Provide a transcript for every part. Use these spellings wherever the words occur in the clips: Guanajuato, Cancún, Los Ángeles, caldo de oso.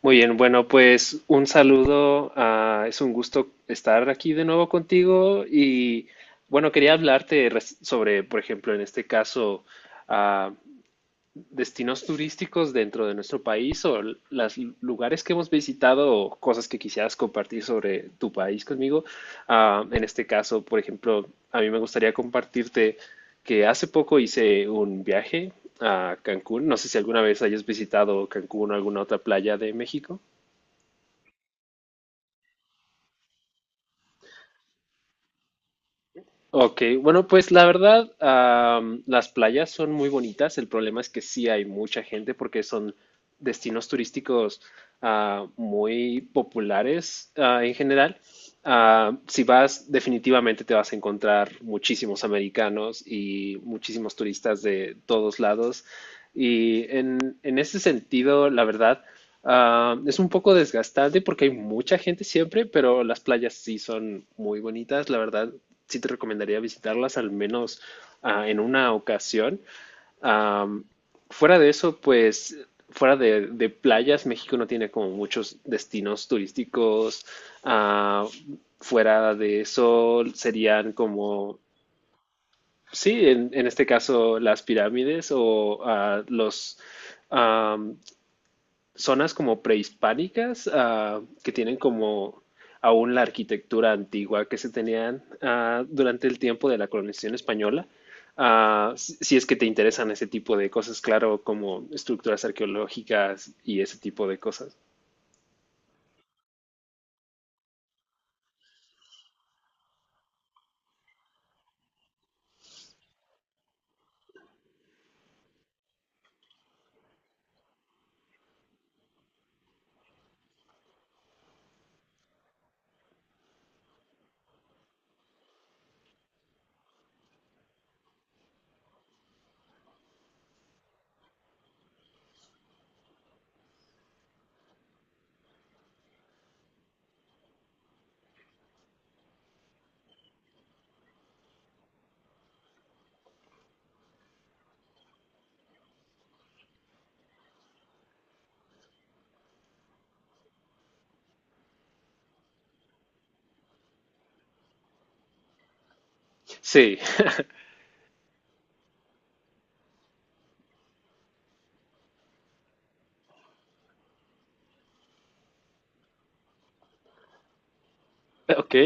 Muy bien, bueno, pues un saludo. Es un gusto estar aquí de nuevo contigo y bueno, quería hablarte sobre, por ejemplo, en este caso, ah, destinos turísticos dentro de nuestro país o los lugares que hemos visitado o cosas que quisieras compartir sobre tu país conmigo. En este caso, por ejemplo, a mí me gustaría compartirte que hace poco hice un viaje a Cancún. No sé si alguna vez hayas visitado Cancún o alguna otra playa de México. Ok, bueno, pues la verdad, las playas son muy bonitas. El problema es que sí hay mucha gente porque son destinos turísticos muy populares en general. Si vas, definitivamente te vas a encontrar muchísimos americanos y muchísimos turistas de todos lados. Y en ese sentido, la verdad, es un poco desgastante porque hay mucha gente siempre, pero las playas sí son muy bonitas, la verdad sí te recomendaría visitarlas al menos en una ocasión. Am, Fuera de eso, pues fuera de playas, México no tiene como muchos destinos turísticos. Ah, Fuera de eso serían como, sí, en este caso las pirámides o am, zonas como prehispánicas que tienen como aún la arquitectura antigua que se tenían durante el tiempo de la colonización española. Ah, si es que te interesan ese tipo de cosas, claro, como estructuras arqueológicas y ese tipo de cosas. Sí, ok.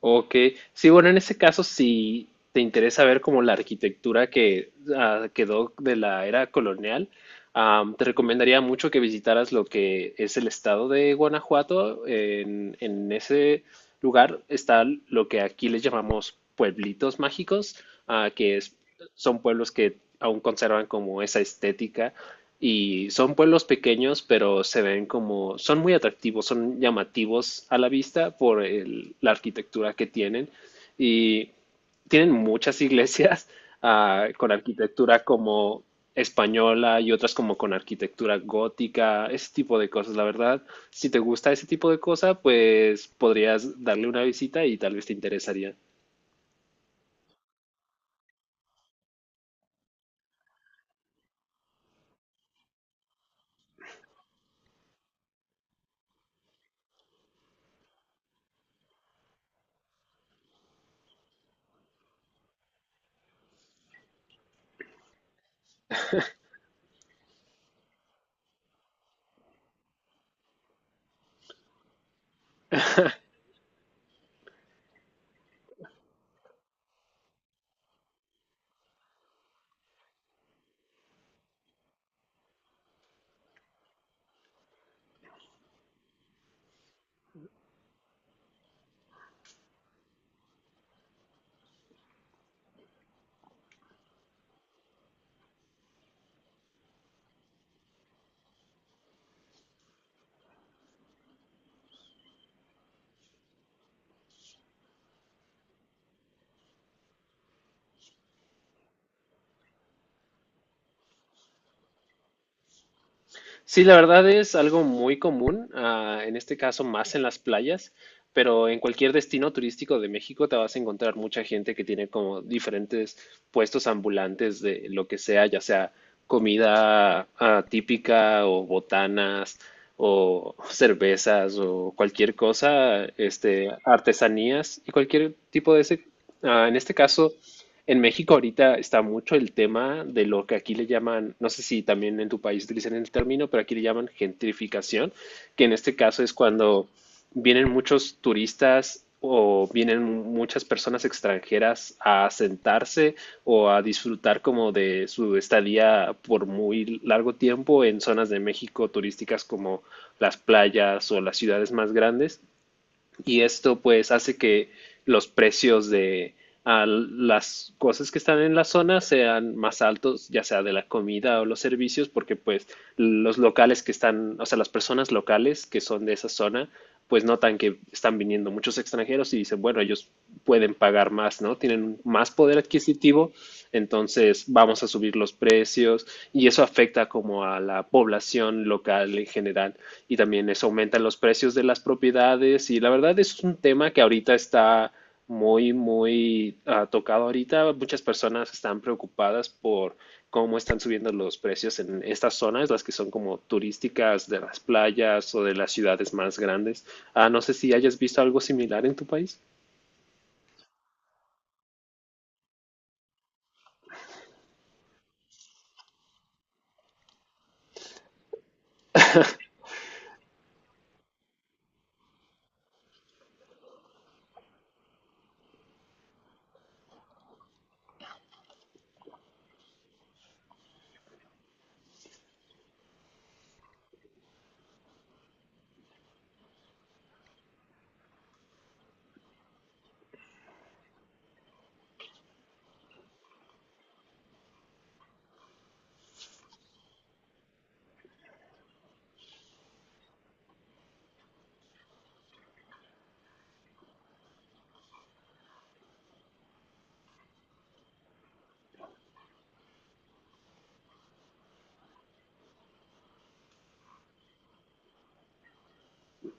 Ok, sí, bueno, en ese caso, si te interesa ver como la arquitectura que quedó de la era colonial, te recomendaría mucho que visitaras lo que es el estado de Guanajuato. En ese lugar está lo que aquí les llamamos pueblitos mágicos, ah, que es- son pueblos que aún conservan como esa estética y son pueblos pequeños, pero se ven como, son muy atractivos, son llamativos a la vista por la arquitectura que tienen. Y tienen muchas iglesias con arquitectura como española y otras como con arquitectura gótica, ese tipo de cosas. La verdad, si te gusta ese tipo de cosa, pues podrías darle una visita y tal vez te interesaría. Sí, la verdad es algo muy común, en este caso más en las playas, pero en cualquier destino turístico de México te vas a encontrar mucha gente que tiene como diferentes puestos ambulantes de lo que sea, ya sea comida típica o botanas o cervezas o cualquier cosa, este, artesanías y cualquier tipo de ese. En este caso, en México ahorita está mucho el tema de lo que aquí le llaman, no sé si también en tu país utilizan el término, pero aquí le llaman gentrificación, que en este caso es cuando vienen muchos turistas o vienen muchas personas extranjeras a asentarse o a disfrutar como de su estadía por muy largo tiempo en zonas de México turísticas como las playas o las ciudades más grandes y esto pues hace que los precios de las cosas que están en la zona sean más altos, ya sea de la comida o los servicios, porque pues los locales que están, o sea, las personas locales que son de esa zona, pues notan que están viniendo muchos extranjeros y dicen, bueno, ellos pueden pagar más, ¿no? Tienen más poder adquisitivo, entonces vamos a subir los precios y eso afecta como a la población local en general y también eso aumenta los precios de las propiedades y la verdad es un tema que ahorita está muy, muy tocado ahorita. Muchas personas están preocupadas por cómo están subiendo los precios en estas zonas, las que son como turísticas de las playas o de las ciudades más grandes. Ah, no sé si hayas visto algo similar en tu país.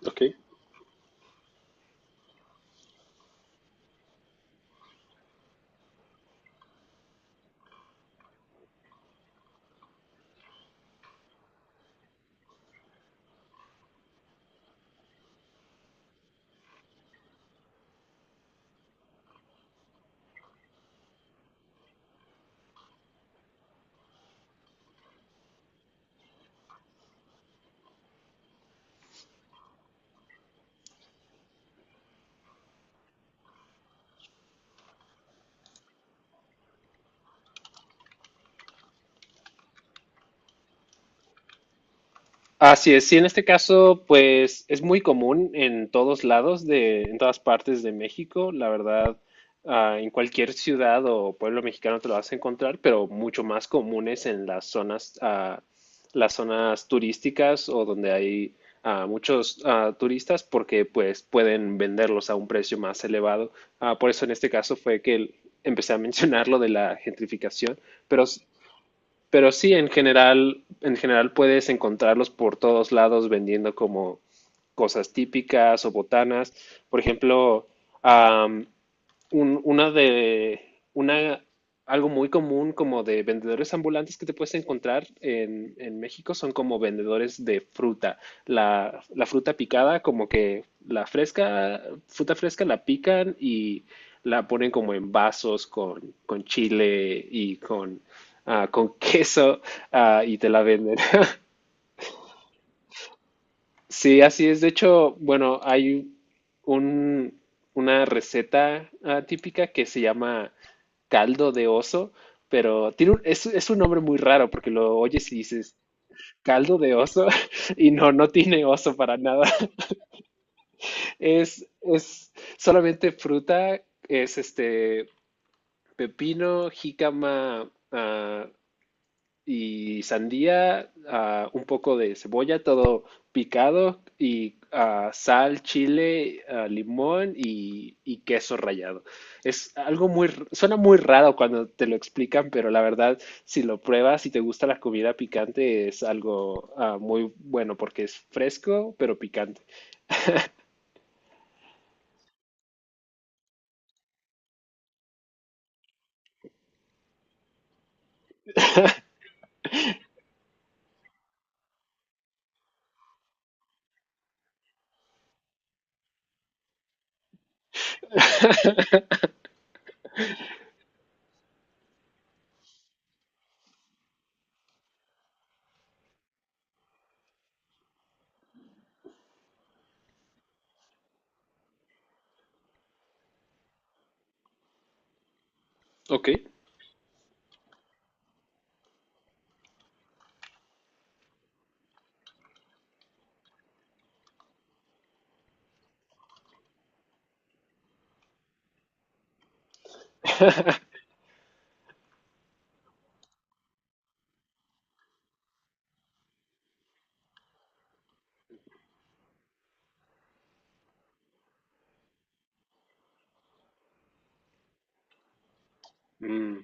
Ok. Así es, sí, en este caso, pues es muy común en todos lados en todas partes de México, la verdad, en cualquier ciudad o pueblo mexicano te lo vas a encontrar, pero mucho más comunes en las zonas, las zonas turísticas o donde hay muchos turistas, porque pues pueden venderlos a un precio más elevado. Por eso en este caso fue que empecé a mencionar lo de la gentrificación, pero pero sí, en general puedes encontrarlos por todos lados vendiendo como cosas típicas o botanas. Por ejemplo, am, un- una de una algo muy común como de vendedores ambulantes que te puedes encontrar en México son como vendedores de fruta. La fruta picada, como que la fresca, fruta fresca la pican y la ponen como en vasos con chile y con, con queso, y te la venden. Sí, así es. De hecho, bueno, un, una receta típica que se llama caldo de oso, pero tiene es un nombre muy raro porque lo oyes y dices caldo de oso y no, no tiene oso para nada. Es solamente fruta, es este pepino, jícama, y sandía, un poco de cebolla, todo picado, y sal, chile, limón y queso rallado. Es algo suena muy raro cuando te lo explican, pero la verdad, si lo pruebas, si te gusta la comida picante, es algo muy bueno porque es fresco, pero picante. Ok. Mm,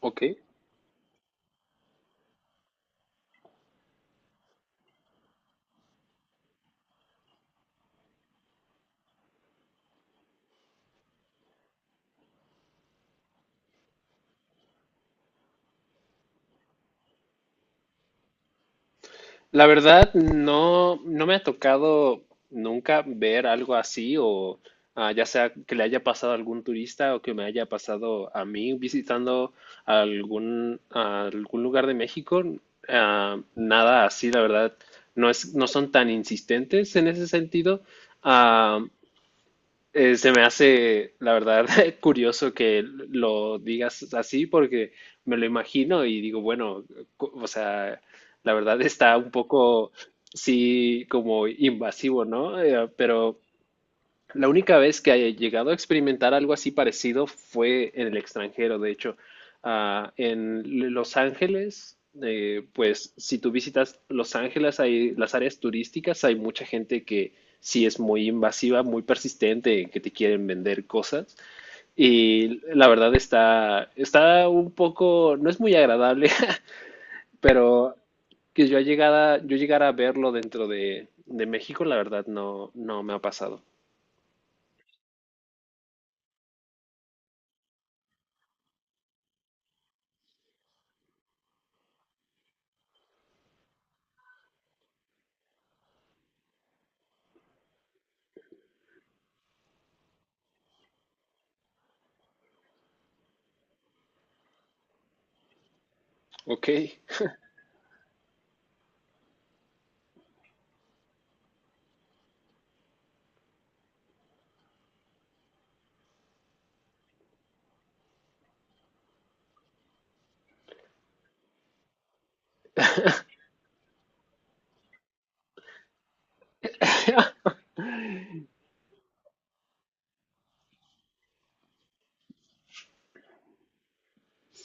ok. La verdad, no, no me ha tocado nunca ver algo así o ya sea que le haya pasado a algún turista o que me haya pasado a mí visitando algún lugar de México. Ah, nada así, la verdad, no son tan insistentes en ese sentido. Ah, se me hace, la verdad, curioso que lo digas así porque me lo imagino y digo, bueno, o sea, la verdad está un poco, sí, como invasivo, ¿no? Pero la única vez que haya llegado a experimentar algo así parecido fue en el extranjero, de hecho, ah, en Los Ángeles, pues si tú visitas Los Ángeles, hay las áreas turísticas, hay mucha gente que sí es muy invasiva, muy persistente, en que te quieren vender cosas y la verdad está un poco, no es muy agradable, pero que yo llegara a verlo dentro de México, la verdad no, no me ha pasado. Ok.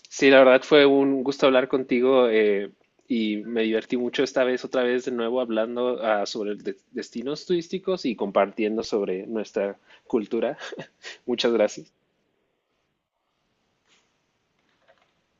Sí, la verdad fue un gusto hablar contigo y me divertí mucho esta vez, otra vez de nuevo hablando sobre destinos turísticos y compartiendo sobre nuestra cultura. Muchas gracias.